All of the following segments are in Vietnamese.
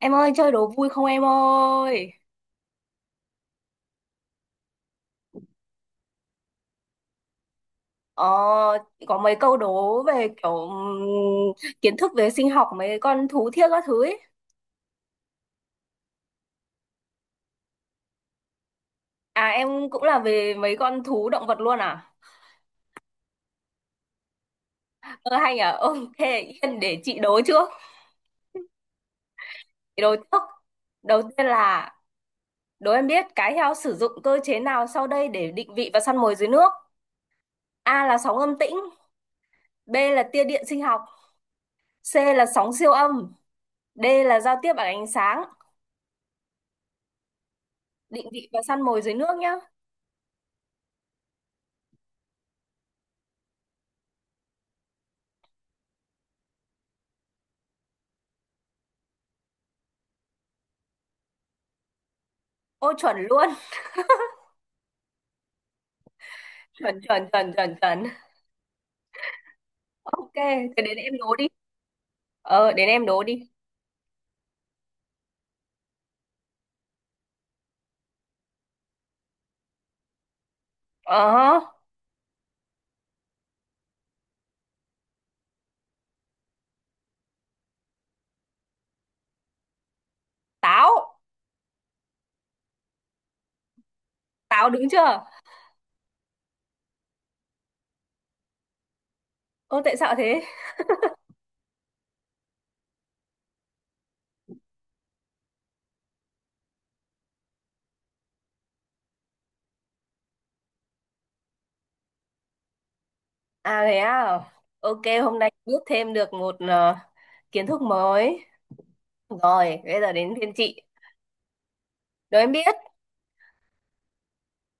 Em ơi chơi đố vui không em ơi? Ờ, có mấy câu đố về kiểu kiến thức về sinh học mấy con thú thiết các thứ ấy. À em cũng là về mấy con thú động vật luôn à? Ờ hay nhỉ? Ok. Yên để chị đố trước. Chị đố trước. Đầu tiên là đố em biết cái heo sử dụng cơ chế nào sau đây để định vị và săn mồi dưới nước? A là sóng âm tĩnh, B là tia điện sinh học, C là sóng siêu âm, D là giao tiếp bằng ánh sáng. Định vị và săn mồi dưới nước nhá. Ô chuẩn luôn. Chuẩn, chuẩn, chuẩn, chuẩn, chuẩn. Ok, thế đến em đố đi. Đến em đố đi. ờ hơ, Táo. Táo đúng chưa? Ô tại sao thế? À thế à. Ok, hôm nay biết thêm được một kiến thức mới. Rồi bây giờ đến phiên chị đố em biết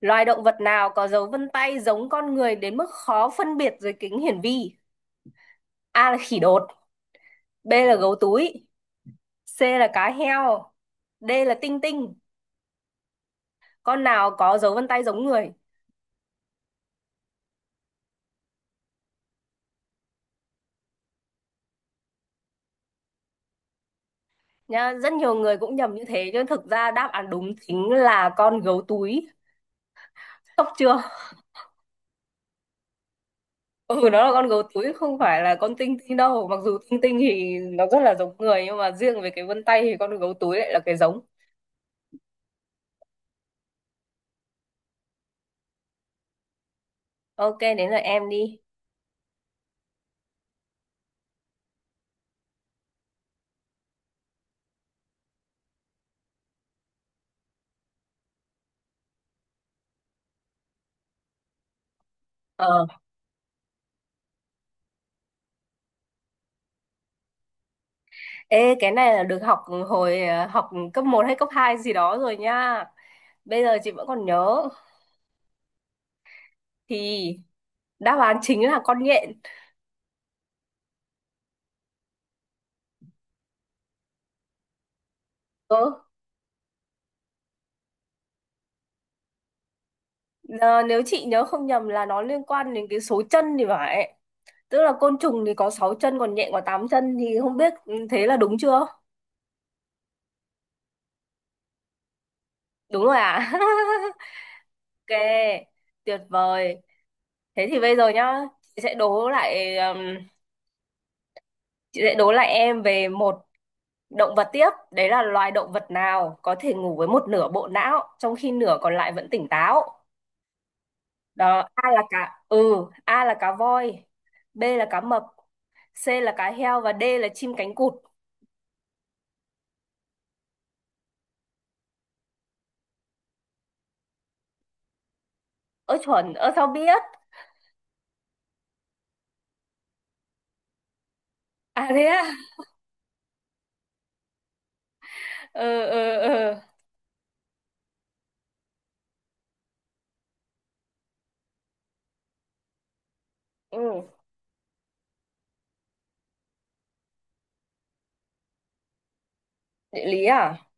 loài động vật nào có dấu vân tay giống con người đến mức khó phân biệt dưới kính hiển vi. A là khỉ đột, B là gấu túi, C là cá heo, D là tinh tinh. Con nào có dấu vân tay giống người? Nhá, rất nhiều người cũng nhầm như thế nhưng thực ra đáp án đúng chính là con gấu túi. Sốc chưa? Ừ, nó là con gấu túi không phải là con tinh tinh đâu, mặc dù tinh tinh thì nó rất là giống người nhưng mà riêng về cái vân tay thì con gấu túi lại là cái giống. Ok, đến là em đi. Ờ. Ê cái này là được học hồi học cấp một hay cấp 2 gì đó rồi nha. Bây giờ chị vẫn còn nhớ thì đáp án chính là con nhện. Ừ. ờ, Nếu chị nhớ không nhầm là nó liên quan đến cái số chân thì phải. Tức là côn trùng thì có 6 chân còn nhện có 8 chân thì không biết thế là đúng chưa? Đúng rồi à? Ok, tuyệt vời. Thế thì bây giờ nhá, chị sẽ đố lại um, chị sẽ đố lại em về một động vật tiếp. Đấy là loài động vật nào có thể ngủ với một nửa bộ não trong khi nửa còn lại vẫn tỉnh táo. Đó, A là cá voi, B là cá mập, C là cá heo và D là chim cánh cụt. Ơ chuẩn, ơ sao biết? À thế à? Ừ, ừ, ừ. Ừ. Địa lý à?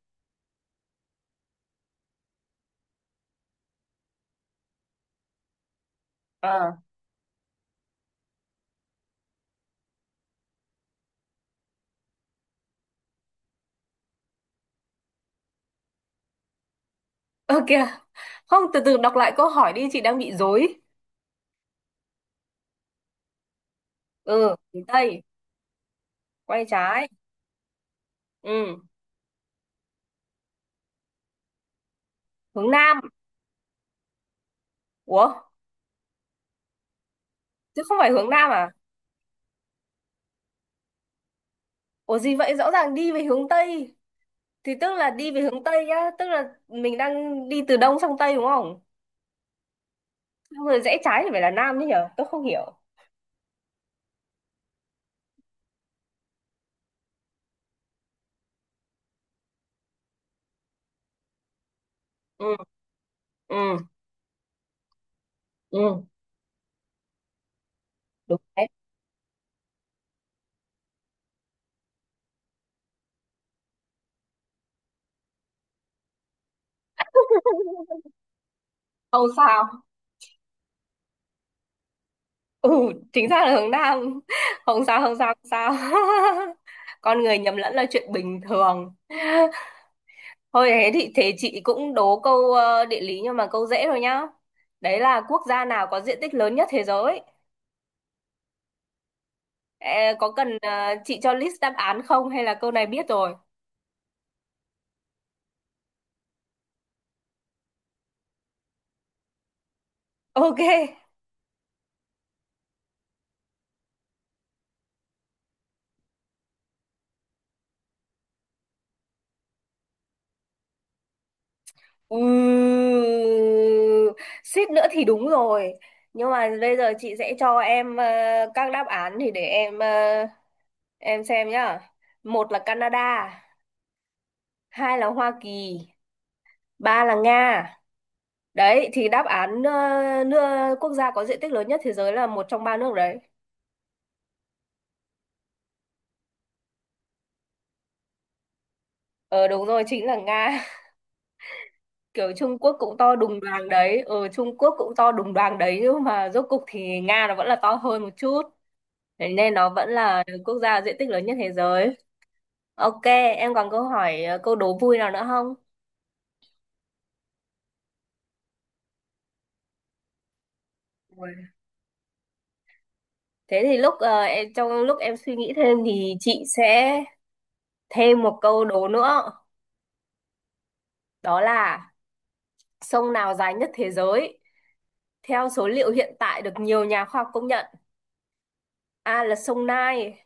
Ờ. Ơ kìa. Không, từ từ đọc lại câu hỏi đi, chị đang bị rối. Ừ, hướng Tây, quay trái. Ừ, hướng Nam. Ủa, chứ không phải hướng Nam à? Ủa gì vậy? Rõ ràng đi về hướng Tây. Thì tức là đi về hướng Tây nhá. Tức là mình đang đi từ Đông sang Tây đúng không? Xong rồi rẽ trái thì phải là Nam chứ nhở? Tôi không hiểu. Ừ, ừ, ừ, đúng đấy. Không sao. Ừ, chính xác là hướng Nam. Không sao, không sao, không sao. Con người nhầm lẫn là chuyện bình thường. Thôi thế thì chị cũng đố câu địa lý nhưng mà câu dễ thôi nhá. Đấy là quốc gia nào có diện tích lớn nhất thế giới? Ê, có cần chị cho list đáp án không hay là câu này biết rồi? Ok. Ừ, suýt nữa thì đúng rồi. Nhưng mà bây giờ chị sẽ cho em các đáp án thì để em xem nhá. Một là Canada, hai là Hoa Kỳ, ba là Nga. Đấy thì đáp án nước quốc gia có diện tích lớn nhất thế giới là một trong ba nước đấy. Ờ đúng rồi chính là Nga. Kiểu Trung Quốc cũng to đùng đoàng đấy. Ờ Trung Quốc cũng to đùng đoàng đấy nhưng mà rốt cục thì Nga nó vẫn là to hơn một chút. Thế nên nó vẫn là quốc gia diện tích lớn nhất thế giới. Ok, em còn câu đố vui nào nữa không? Ui. Thế thì trong lúc em suy nghĩ thêm thì chị sẽ thêm một câu đố nữa. Đó là sông nào dài nhất thế giới? Theo số liệu hiện tại được nhiều nhà khoa học công nhận, A là sông Nile,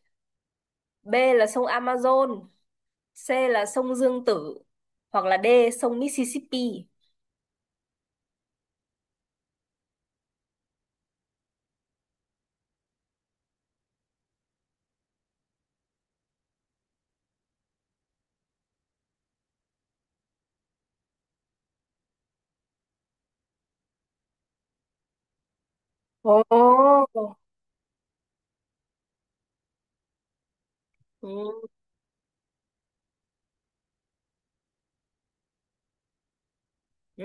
B là sông Amazon, C là sông Dương Tử, hoặc là D sông Mississippi. Ồ. Ừ. Ừ.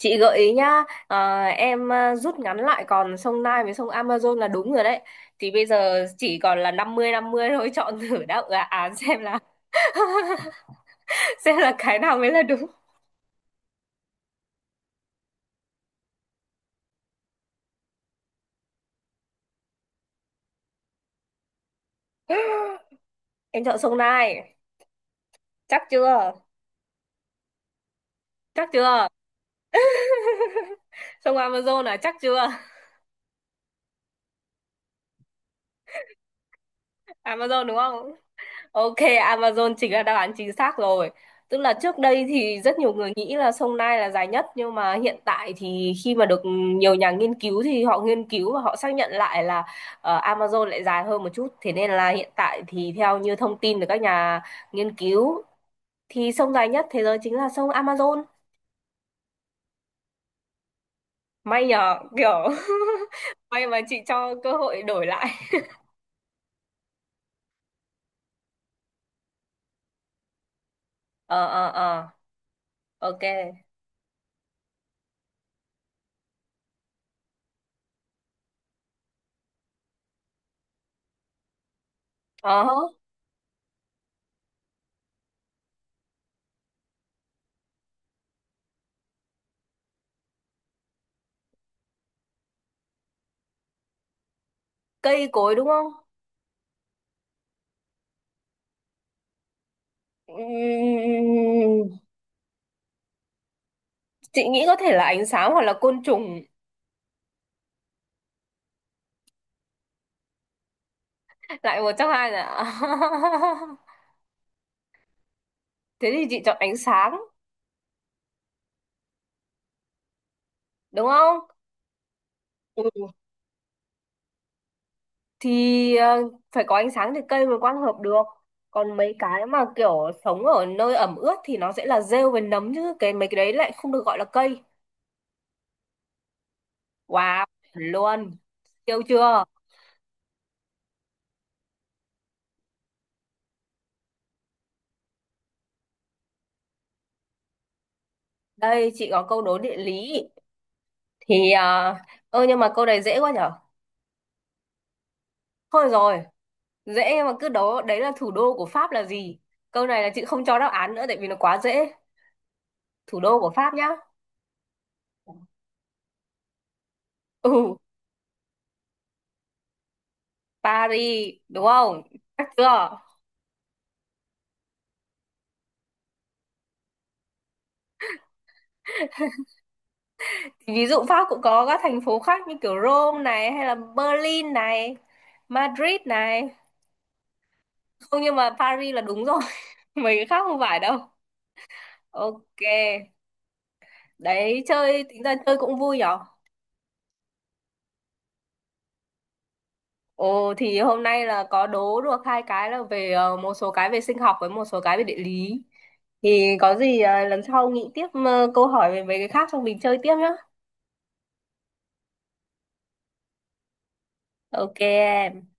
Chị gợi ý nhá, à, em à, rút ngắn lại còn sông Nile với sông Amazon là đúng rồi đấy. Thì bây giờ chỉ còn là 50-50 thôi, chọn thử đáp án xem là xem là cái nào mới là đúng. Em chọn sông Nile, chắc chưa? Chắc chưa? Sông Amazon là chắc chưa? Amazon đúng không? Ok, Amazon chính là đáp án chính xác rồi. Tức là trước đây thì rất nhiều người nghĩ là sông Nile là dài nhất nhưng mà hiện tại thì khi mà được nhiều nhà nghiên cứu thì họ nghiên cứu và họ xác nhận lại là Amazon lại dài hơn một chút. Thế nên là hiện tại thì theo như thông tin từ các nhà nghiên cứu thì sông dài nhất thế giới chính là sông Amazon. May nhờ, kiểu may mà chị cho cơ hội đổi lại. Ờ, ờ, ờ, ok. Ờ, cây cối đúng không? Ừm, chị nghĩ có thể là ánh sáng hoặc là côn trùng. Lại một trong hai là. Thế thì chị chọn ánh sáng, đúng không? Ừ. Thì phải có ánh sáng thì cây mới quang hợp được còn mấy cái mà kiểu sống ở nơi ẩm ướt thì nó sẽ là rêu với nấm chứ cái mấy cái đấy lại không được gọi là cây. Wow, chuẩn luôn. Siêu chưa? Đây chị có câu đố địa lý thì ơ nhưng mà câu này dễ quá nhở, thôi rồi. Dễ mà cứ đó, đấy là thủ đô của Pháp là gì? Câu này là chị không cho đáp án nữa tại vì nó quá dễ. Thủ đô của Pháp nhá. Ừ, Paris, đúng không? Chắc chưa? Ví dụ Pháp cũng có các thành phố khác như kiểu Rome này hay là Berlin này, Madrid này. Không nhưng mà Paris là đúng rồi, mấy cái khác không phải đâu. Ok, đấy chơi tính ra chơi cũng vui nhở? Ồ thì hôm nay là có đố được hai cái là về một số cái về sinh học với một số cái về địa lý. Thì có gì lần sau nghĩ tiếp câu hỏi về mấy cái khác xong mình chơi tiếp nhá. Ok, em.